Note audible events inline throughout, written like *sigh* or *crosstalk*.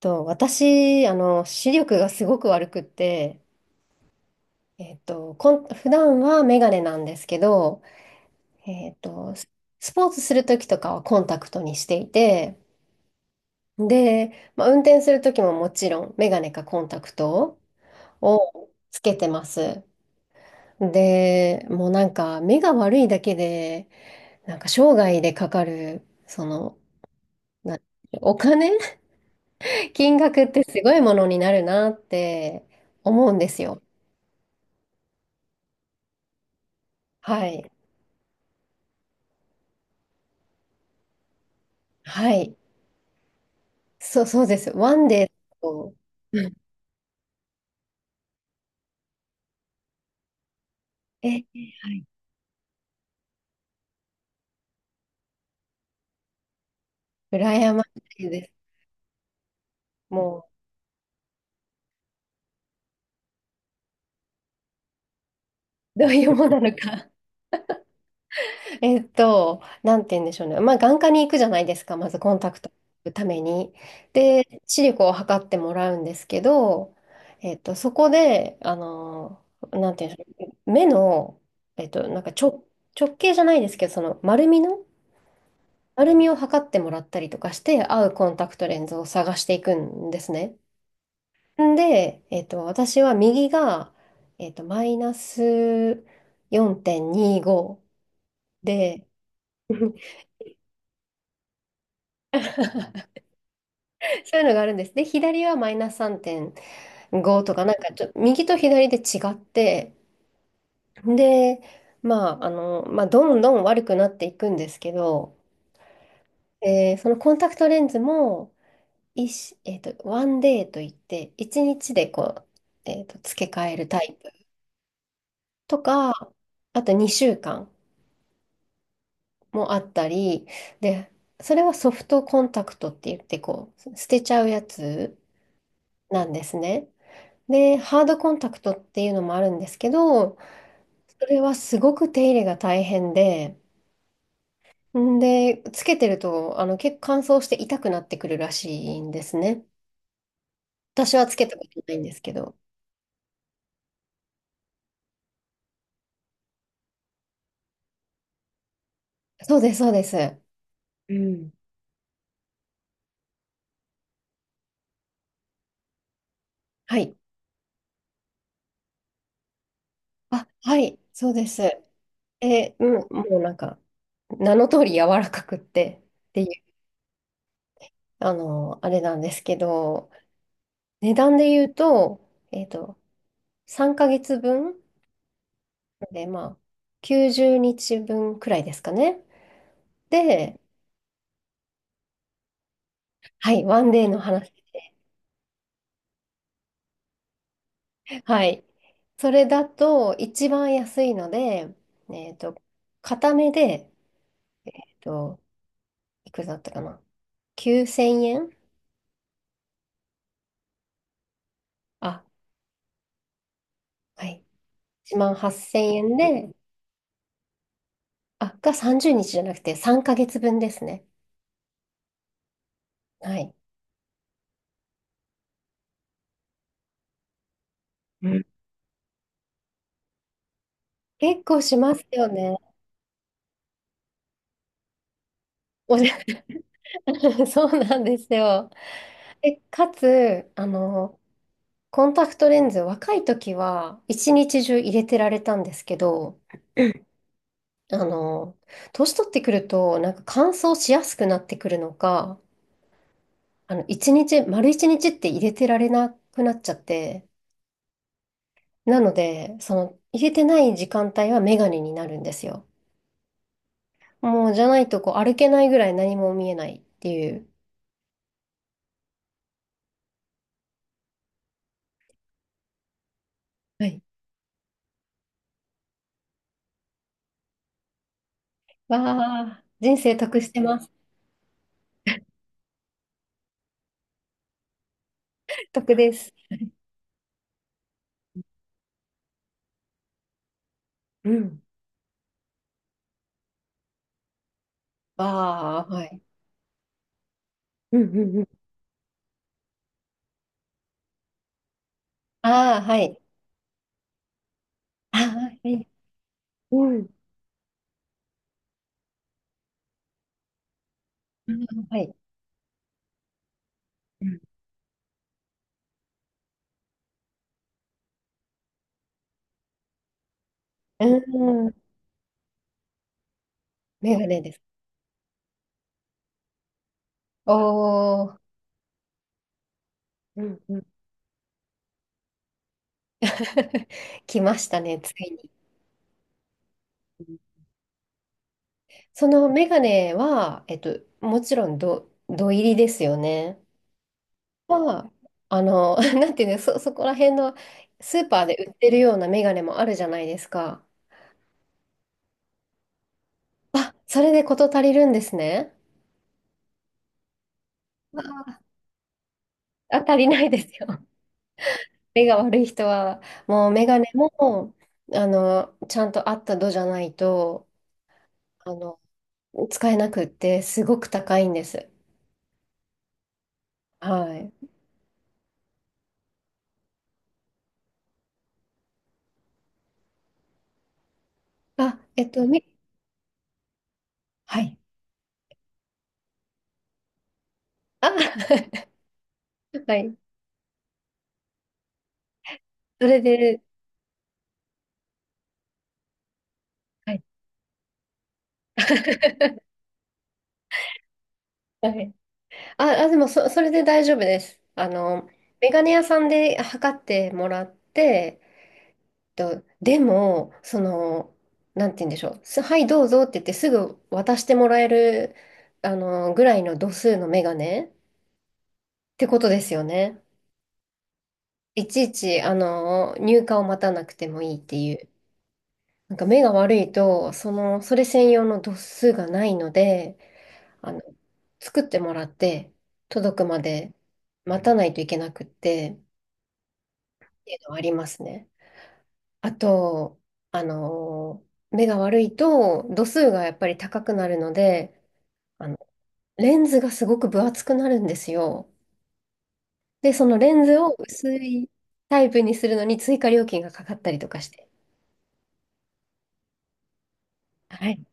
私、視力がすごく悪くって、普段はメガネなんですけど、えっと、ススポーツするときとかはコンタクトにしていて、で、まあ、運転するときももちろんメガネかコンタクトをつけてます。で、もうなんか目が悪いだけで、なんか生涯でかかる、な、お金 *laughs* 金額ってすごいものになるなって思うんですよ。はい。はい。そうです。ワンデーと、え、羨ましいです。もう、どういうものなのか。*laughs* えっと、なんて言うんでしょうね。まあ、眼科に行くじゃないですか。まずコンタクトのために。で、視力を測ってもらうんですけど、えっと、そこで、あの、なんて言うんでしょう。目の、えっと、なんか直、直径じゃないですけど、丸みを測ってもらったりとかして、合うコンタクトレンズを探していくんですね。んで、えっと、私は右が、えっと、マイナス4.25で、*laughs* そういうのがあるんです。で、左はマイナス3.5とか、なんかちょ、右と左で違って、で、まあ、あの、まあ、どんどん悪くなっていくんですけど、えーそのコンタクトレンズも、えっと、ワンデーといって、1日でこう、えっと、付け替えるタイプとか、あと2週間。もあったり、で、それはソフトコンタクトって言って、こう、捨てちゃうやつなんですね。で、ハードコンタクトっていうのもあるんですけど、それはすごく手入れが大変で、んで、つけてると、あの、結構乾燥して痛くなってくるらしいんですね。私はつけたことないんですけど。そうです。うん。はい。あ、はい、そうです。え、うん、もうなんか、名の通り柔らかくってっていう。あの、あれなんですけど、値段で言うと、えっと、3ヶ月分で、まあ、90日分くらいですかね。で、はい、ワンデーの話。*laughs* はい。それだと、一番安いので、えっと、片目で、えっと、いくらだったかな。9000円あ、はい。1万8000円で、あ、が30日じゅうにちじゃなくて3ヶ月分ですね。はい。うん結構しますよね。おじゃ *laughs* そうなんですよ。え、かつ、あの、コンタクトレンズ、若い時は一日中入れてられたんですけど、あの、年取ってくると、なんか乾燥しやすくなってくるのか、あの、丸一日って入れてられなくなっちゃって、なので、その、入れてない時間帯はメガネになるんですよ。もう、じゃないと、こう、歩けないぐらい何も見えないっていう。はい。わあ、人生得してます。*laughs* 得です。うん。ああはい。うん。うんうん。ああ、はい。ああ、はい。うん。うんはい。うんメガネです。おー、うんうん。*laughs* 来ましたね、ついに。うんそのメガネは、えっと、もちろんど、土入りですよね。は、あの、*laughs* なんていうの、そこら辺のスーパーで売ってるようなメガネもあるじゃないですか。あ、それで事足りるんですね。あ、足りないですよ。目が悪い人は、もうメガネも、あの、ちゃんと合った度じゃないと、あの、使えなくって、すごく高いんです。はい。あ、えっと、み、はい。あ、*laughs* はい。それで、はい。*laughs* はい。でもそ、それで大丈夫です。あの、メガネ屋さんで測ってもらって、と、でも、その、なんて言うんでしょう。すはい、どうぞって言ってすぐ渡してもらえる、あの、ぐらいの度数のメガネってことですよね。いちいち、あの、入荷を待たなくてもいいっていう。なんか目が悪いと、その、それ専用の度数がないので、あの、作ってもらって、届くまで待たないといけなくって、っていうのはありますね。あと、あのー目が悪いと度数がやっぱり高くなるので、あの、レンズがすごく分厚くなるんですよ。で、そのレンズを薄いタイプにするのに追加料金がかかったりとかして。はい。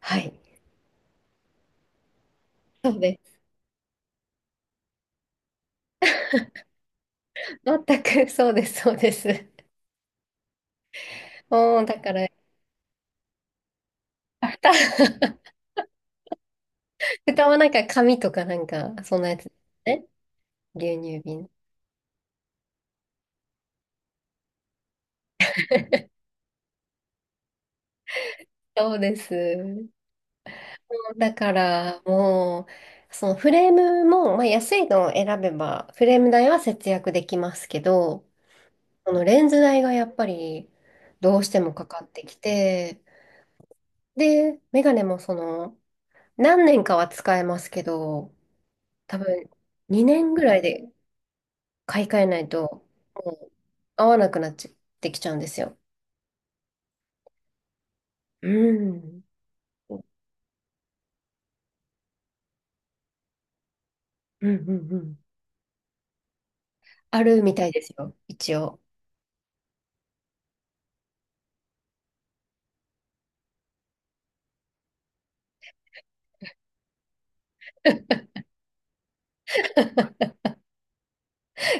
はい。そうです。全くそうです。もう、だから、蓋、*laughs* 蓋はなんか紙とかなんか、そんなやつですね。牛乳瓶。*laughs* そうです。だからもう、そのフレームも、まあ、安いのを選べば、フレーム代は節約できますけど、このレンズ代がやっぱりどうしてもかかってきて、で、メガネもその、何年かは使えますけど、多分2年ぐらいで買い替えないと、もう合わなくなっちゃってきちゃうんですよ。うん。うんうんうん。あるみたいですよ、一応。*laughs*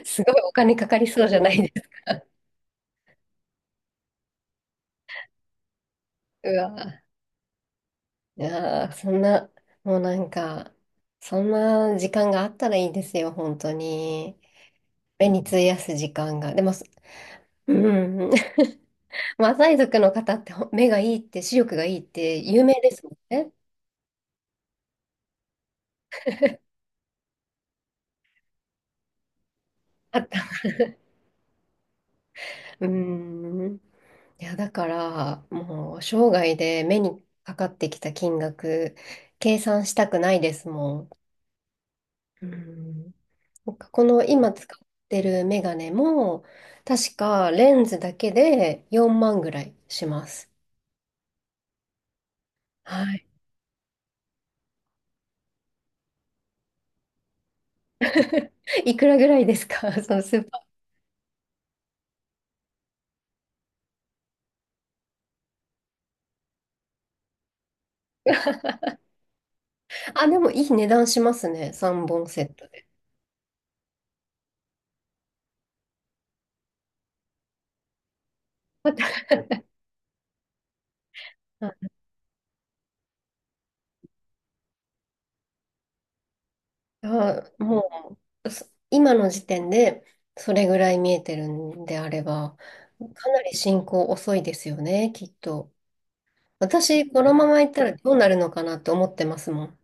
すごいお金かかりそうじゃないですか。うわいやー、そんな、もうなんか、そんな時間があったらいいですよ、本当に。目に費やす時間が。でも、そうんん、*laughs* マサイ族の方って目がいいって、視力がいいって有名ですもんね。あった。*laughs* うん。いや、だから、もう、生涯で目にかかってきた金額、計算したくないですもん。うんなんかこの今使ってるメガネも、確かレンズだけで4万ぐらいします。はい。*laughs* いくらぐらいですか *laughs* そのスーパー。あ、でもいい値段しますね。3本セットで。はいあ、もう、今の時点でそれぐらい見えてるんであれば、かなり進行遅いですよね、きっと。私、このままいったらどうなるのかなと思ってますもん。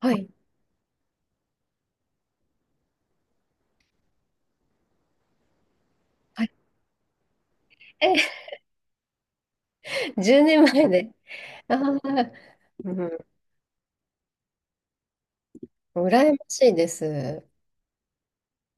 はい。はい。*laughs* え、10年前で。ああ、うん。羨ましいです。